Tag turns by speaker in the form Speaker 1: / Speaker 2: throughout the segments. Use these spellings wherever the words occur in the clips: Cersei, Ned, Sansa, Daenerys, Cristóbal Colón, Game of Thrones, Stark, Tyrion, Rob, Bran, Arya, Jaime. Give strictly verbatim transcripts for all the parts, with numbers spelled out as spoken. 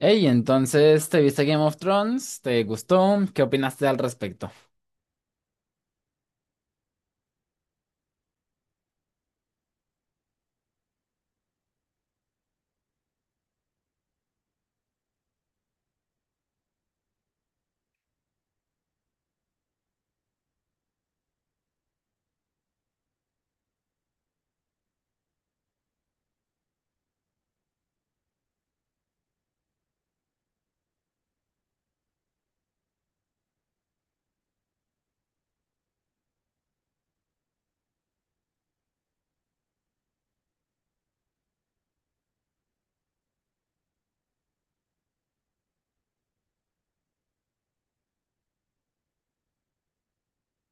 Speaker 1: Hey, entonces, ¿te viste Game of Thrones? ¿Te gustó? ¿Qué opinaste al respecto?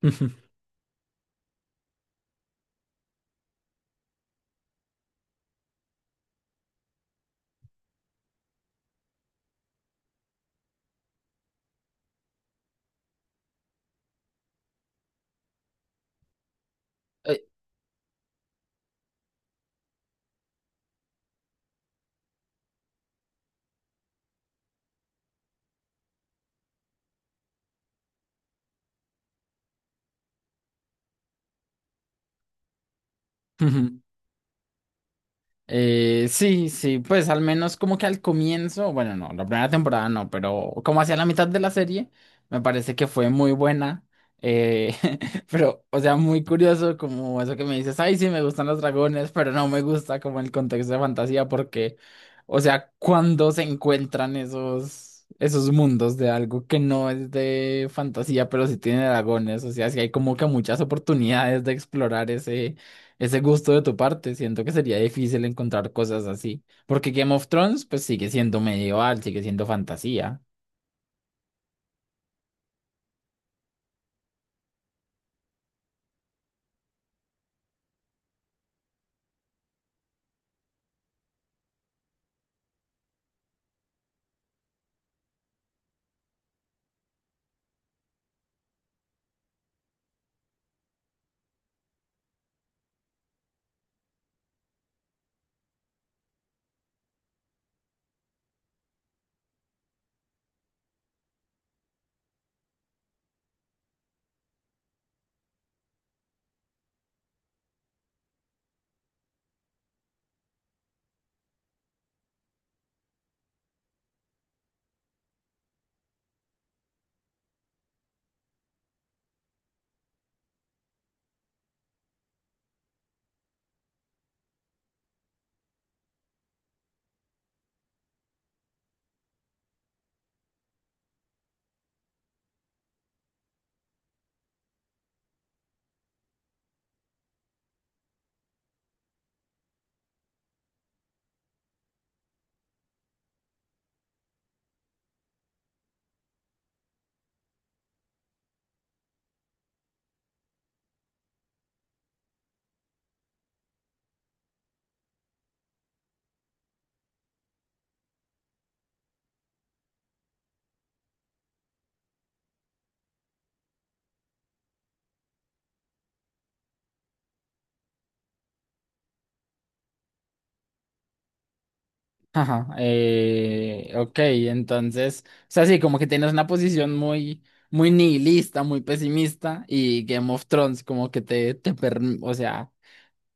Speaker 1: Ey, Eh, sí, sí, pues al menos como que al comienzo, bueno, no, la primera temporada no, pero como hacia la mitad de la serie, me parece que fue muy buena. eh, pero, o sea, muy curioso como eso que me dices, ay, sí, me gustan los dragones, pero no me gusta como el contexto de fantasía porque, o sea, cuando se encuentran esos, esos mundos de algo que no es de fantasía, pero sí tiene dragones, o sea, sí hay como que muchas oportunidades de explorar ese ese gusto de tu parte. Siento que sería difícil encontrar cosas así. Porque Game of Thrones, pues sigue siendo medieval, sigue siendo fantasía. Ajá. Eh, ok, entonces, o sea, sí, como que tienes una posición muy, muy nihilista, muy pesimista. Y Game of Thrones, como que te, te perm- o sea,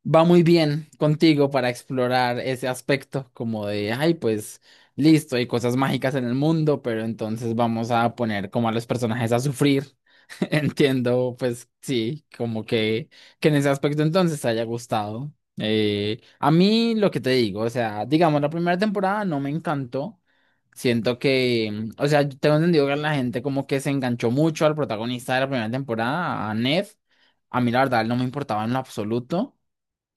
Speaker 1: va muy bien contigo para explorar ese aspecto, como de, ay, pues. Listo, hay cosas mágicas en el mundo, pero entonces vamos a poner como a los personajes a sufrir. Entiendo, pues sí, como que, que en ese aspecto entonces te haya gustado. Eh, a mí lo que te digo, o sea, digamos, la primera temporada no me encantó. Siento que, mm, o sea, yo tengo entendido que la gente como que se enganchó mucho al protagonista de la primera temporada, a Nev. A mí la verdad no me importaba en lo absoluto.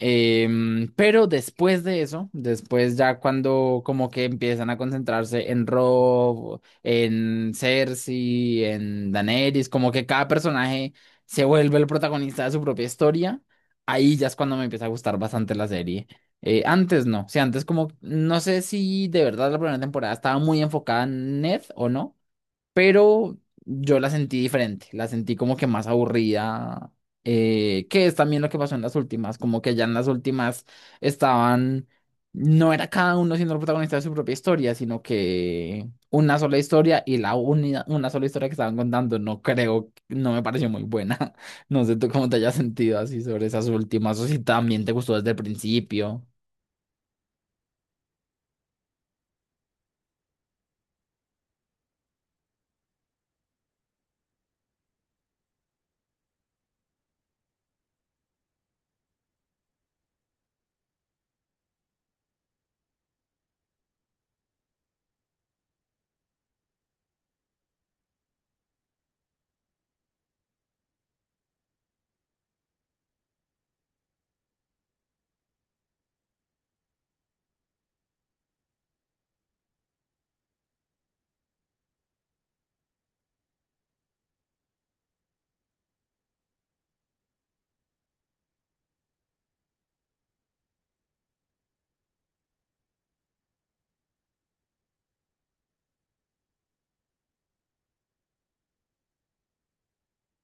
Speaker 1: Em, pero después de eso, después ya cuando como que empiezan a concentrarse en Rob, en Cersei, en Daenerys, como que cada personaje se vuelve el protagonista de su propia historia, ahí ya es cuando me empieza a gustar bastante la serie. Eh, antes no, o sea, antes como, no sé si de verdad la primera temporada estaba muy enfocada en Ned o no, pero yo la sentí diferente, la sentí como que más aburrida, eh, que es también lo que pasó en las últimas, como que ya en las últimas estaban, no era cada uno siendo el protagonista de su propia historia, sino que una sola historia y la única, una sola historia que estaban contando, no creo, no me pareció muy buena. No sé tú cómo te hayas sentido así sobre esas últimas, o si también te gustó desde el principio.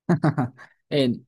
Speaker 1: En...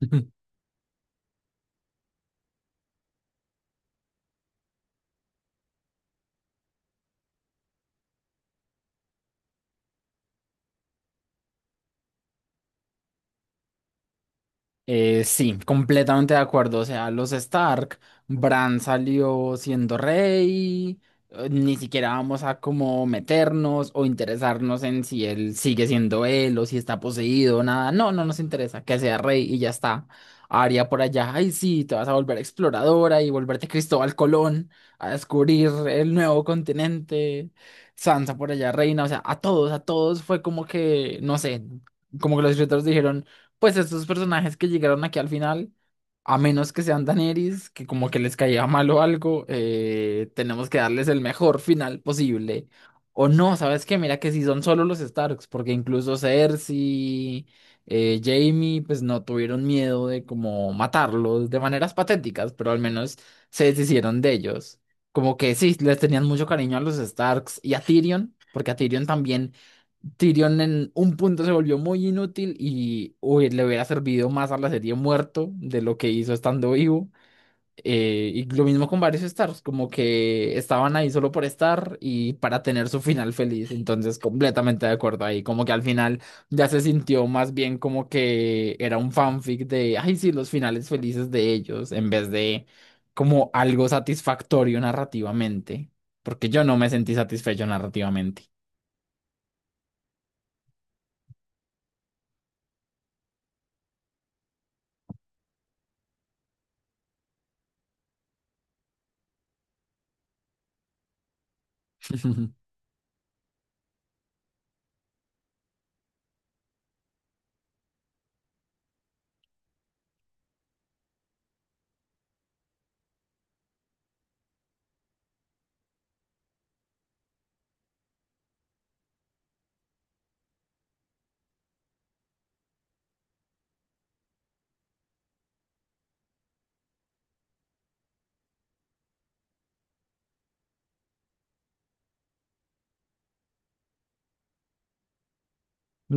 Speaker 1: Eh, sí, completamente de acuerdo. O sea, los Stark, Bran salió siendo rey, eh, ni siquiera vamos a como meternos o interesarnos en si él sigue siendo él o si está poseído, nada. No, no nos interesa que sea rey y ya está. Arya por allá, ay sí, te vas a volver exploradora y volverte Cristóbal Colón a descubrir el nuevo continente. Sansa por allá, reina, o sea, a todos, a todos fue como que, no sé, como que los escritores dijeron pues estos personajes que llegaron aquí al final, a menos que sean Daenerys, que como que les caía mal o algo, eh, tenemos que darles el mejor final posible. O no, ¿sabes qué? Mira que si son solo los Starks, porque incluso Cersei, eh, Jaime, pues no tuvieron miedo de como matarlos de maneras patéticas, pero al menos se deshicieron de ellos. Como que sí, les tenían mucho cariño a los Starks y a Tyrion, porque a Tyrion también. Tyrion en un punto se volvió muy inútil y uy, le hubiera servido más a la serie muerto de lo que hizo estando vivo. Eh, y lo mismo con varios Stars, como que estaban ahí solo por estar y para tener su final feliz. Entonces, completamente de acuerdo ahí. Como que al final ya se sintió más bien como que era un fanfic de, ay, sí, los finales felices de ellos, en vez de como algo satisfactorio narrativamente. Porque yo no me sentí satisfecho narrativamente.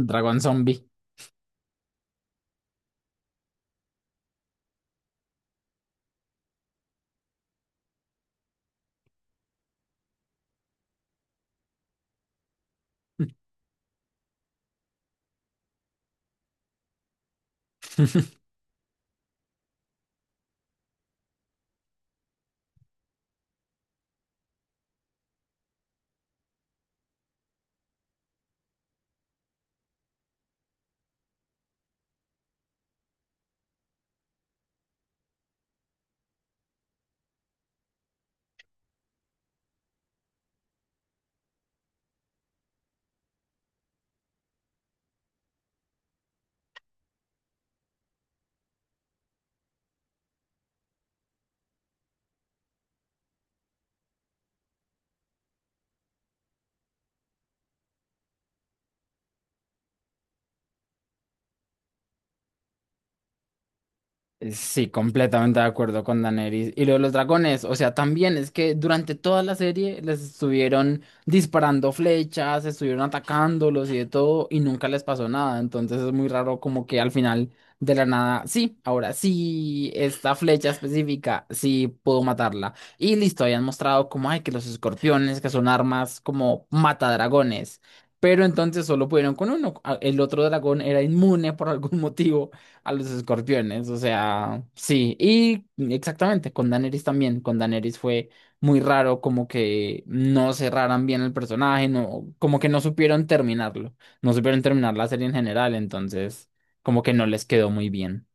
Speaker 1: Dragon Zombie. Eh, Sí, completamente de acuerdo con Daenerys. Y lo de los dragones, o sea, también es que durante toda la serie les estuvieron disparando flechas, estuvieron atacándolos y de todo, y nunca les pasó nada. Entonces es muy raro como que al final de la nada, sí, ahora sí, esta flecha específica, sí puedo matarla. Y listo, habían mostrado como, ay, que los escorpiones, que son armas como matadragones. Pero entonces solo pudieron con uno. Ah, el otro dragón era inmune por algún motivo. A los escorpiones, o sea, sí, y exactamente, con Daenerys también, con Daenerys fue muy raro como que no cerraran bien el personaje, no, como que no supieron terminarlo, no supieron terminar la serie en general, entonces como que no les quedó muy bien.